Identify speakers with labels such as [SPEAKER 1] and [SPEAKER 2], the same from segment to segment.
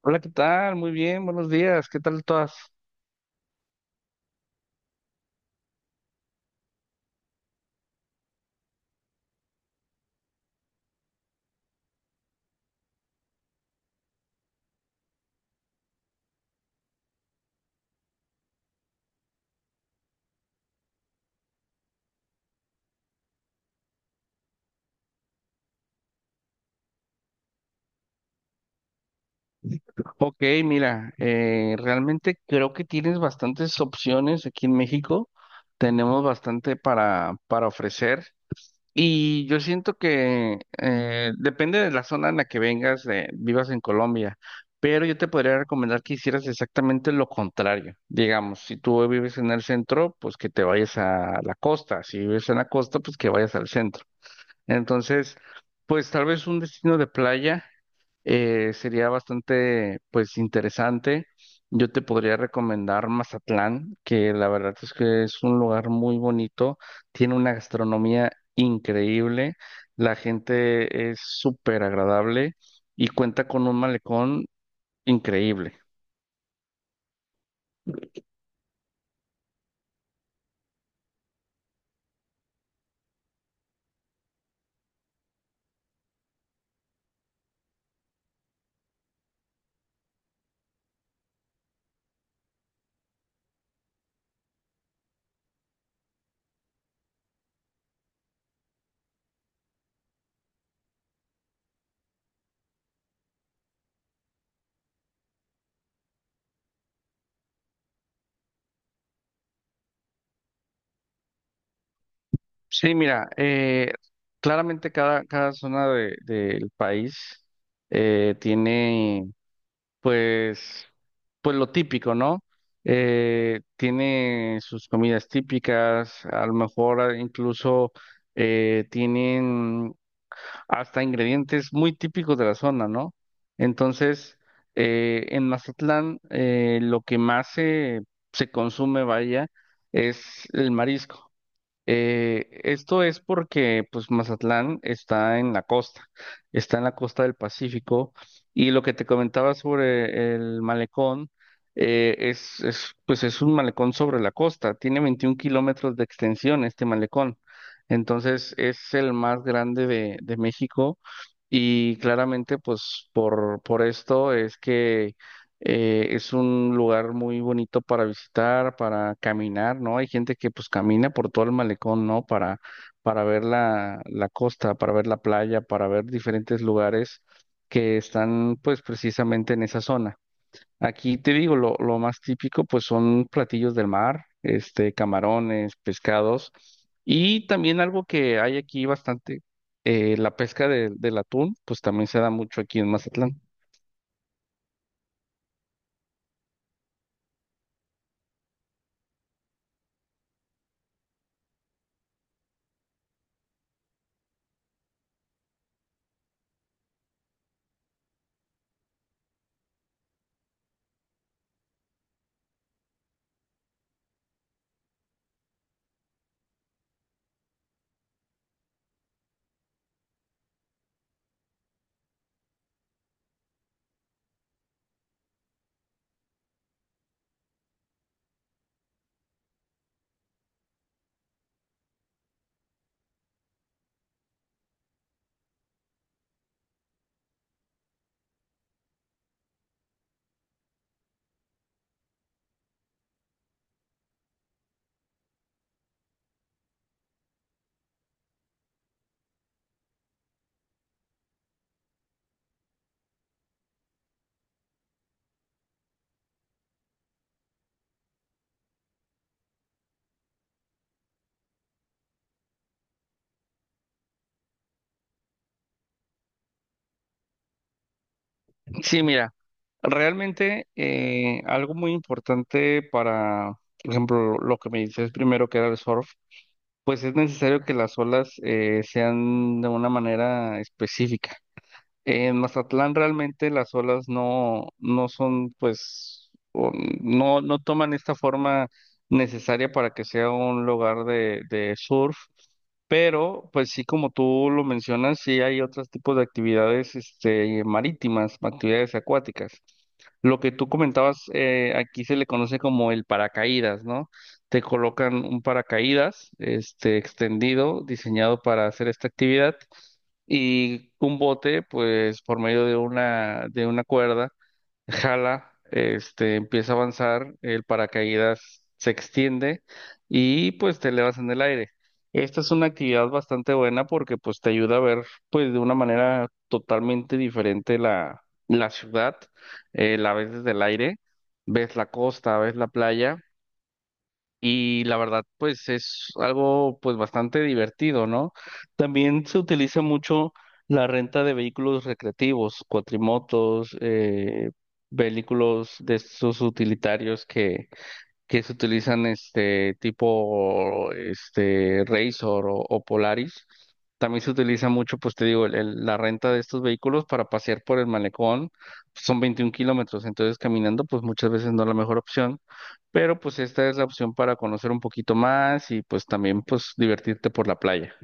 [SPEAKER 1] Hola, ¿qué tal? Muy bien, buenos días. ¿Qué tal todas? Ok, mira, realmente creo que tienes bastantes opciones aquí en México. Tenemos bastante para ofrecer. Y yo siento que depende de la zona en la que vengas, vivas en Colombia, pero yo te podría recomendar que hicieras exactamente lo contrario. Digamos, si tú vives en el centro, pues que te vayas a la costa. Si vives en la costa, pues que vayas al centro. Entonces, pues tal vez un destino de playa. Sería bastante, pues, interesante. Yo te podría recomendar Mazatlán, que la verdad es que es un lugar muy bonito, tiene una gastronomía increíble, la gente es súper agradable y cuenta con un malecón increíble. Sí, mira, claramente cada zona del país eh, tiene Pues, pues lo típico, ¿no? Tiene sus comidas típicas, a lo mejor incluso tienen hasta ingredientes muy típicos de la zona, ¿no? Entonces, en Mazatlán lo que más se consume, vaya, es el marisco. Esto es porque pues Mazatlán está en la costa, está en la costa del Pacífico, y lo que te comentaba sobre el malecón pues es un malecón sobre la costa, tiene 21 kilómetros de extensión este malecón, entonces es el más grande de México y claramente pues por esto es que es un lugar muy bonito para visitar, para caminar, ¿no? Hay gente que pues camina por todo el malecón, ¿no? Para ver la costa, para ver la playa, para ver diferentes lugares que están pues precisamente en esa zona. Aquí te digo, lo más típico pues son platillos del mar, este, camarones, pescados, y también algo que hay aquí bastante, la pesca del atún, pues también se da mucho aquí en Mazatlán. Sí, mira, realmente algo muy importante por ejemplo, lo que me dices primero que era el surf, pues es necesario que las olas sean de una manera específica. En Mazatlán realmente las olas no son, pues, o no toman esta forma necesaria para que sea un lugar de surf, pero pues sí, como tú lo mencionas, sí hay otros tipos de actividades, este, marítimas, actividades acuáticas. Lo que tú comentabas, aquí se le conoce como el paracaídas, ¿no? Te colocan un paracaídas, este, extendido, diseñado para hacer esta actividad, y un bote, pues por medio de de una cuerda, jala, este, empieza a avanzar, el paracaídas se extiende y pues te elevas en el aire. Esta es una actividad bastante buena porque pues te ayuda a ver pues de una manera totalmente diferente la ciudad, la ves desde el aire, ves la costa, ves la playa, y la verdad, pues es algo pues bastante divertido, ¿no? También se utiliza mucho la renta de vehículos recreativos, cuatrimotos, vehículos de estos utilitarios que se utilizan este tipo, este Razor, o Polaris. También se utiliza mucho, pues te digo, la renta de estos vehículos para pasear por el malecón, son 21 kilómetros, entonces caminando pues muchas veces no es la mejor opción, pero pues esta es la opción para conocer un poquito más y pues también pues divertirte por la playa.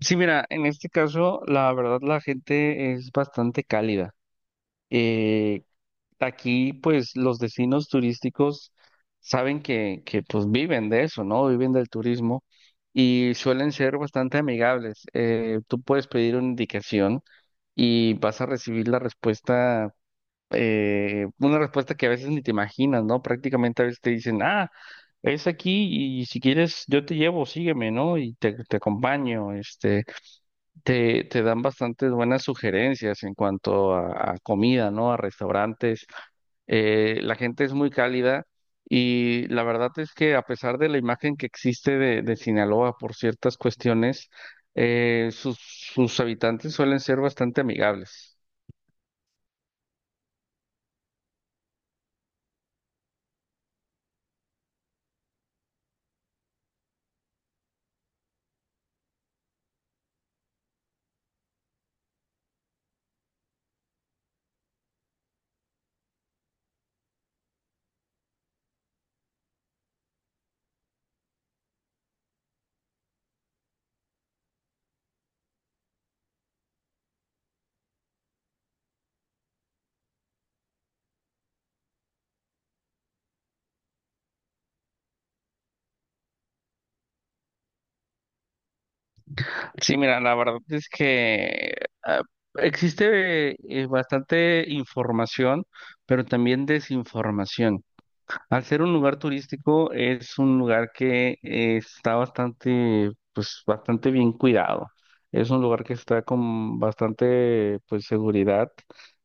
[SPEAKER 1] Sí, mira, en este caso la verdad la gente es bastante cálida. Eh, Aquí, pues, los destinos turísticos saben pues, viven de eso, ¿no? Viven del turismo y suelen ser bastante amigables. Tú puedes pedir una indicación y vas a recibir la respuesta, una respuesta que a veces ni te imaginas, ¿no? Prácticamente a veces te dicen, ah, es aquí y si quieres yo te llevo, sígueme, ¿no? Y te acompaño, este. Te dan bastantes buenas sugerencias en cuanto a comida, ¿no? A restaurantes. La gente es muy cálida, y la verdad es que a pesar de la imagen que existe de Sinaloa por ciertas cuestiones, sus habitantes suelen ser bastante amigables. Sí, mira, la verdad es que ah, existe bastante información, pero también desinformación. Al ser un lugar turístico, es un lugar que está bastante, pues, bastante bien cuidado. Es un lugar que está con bastante, pues, seguridad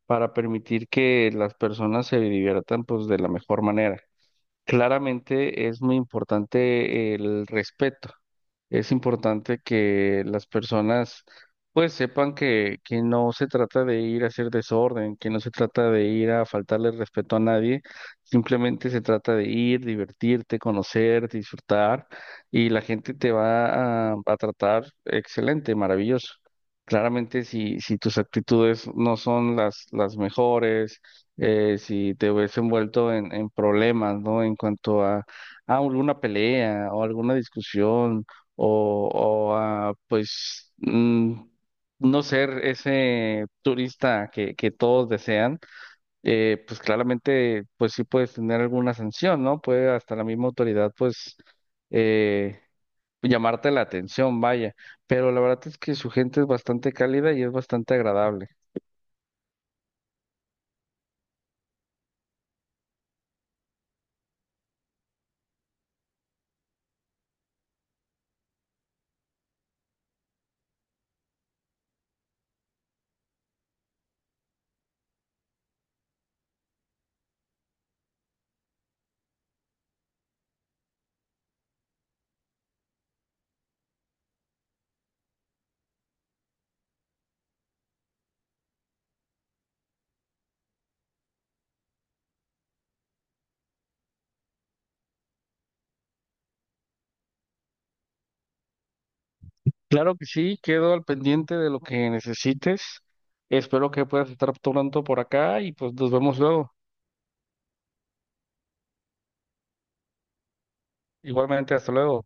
[SPEAKER 1] para permitir que las personas se diviertan, pues, de la mejor manera. Claramente es muy importante el respeto. Es importante que las personas pues sepan que no se trata de ir a hacer desorden, que no se trata de ir a faltarle respeto a nadie, simplemente se trata de ir, divertirte, conocer, disfrutar, y la gente te va a tratar excelente, maravilloso. Claramente si tus actitudes no son las mejores, si te hubiese envuelto en problemas, ¿no? En cuanto a alguna pelea o alguna discusión pues, no ser ese turista que todos desean, pues claramente, pues sí puedes tener alguna sanción, ¿no? Puede hasta la misma autoridad, pues, eh, llamarte la atención, vaya. Pero la verdad es que su gente es bastante cálida y es bastante agradable. Claro que sí, quedo al pendiente de lo que necesites. Espero que puedas estar pronto por acá y pues nos vemos luego. Igualmente, hasta luego.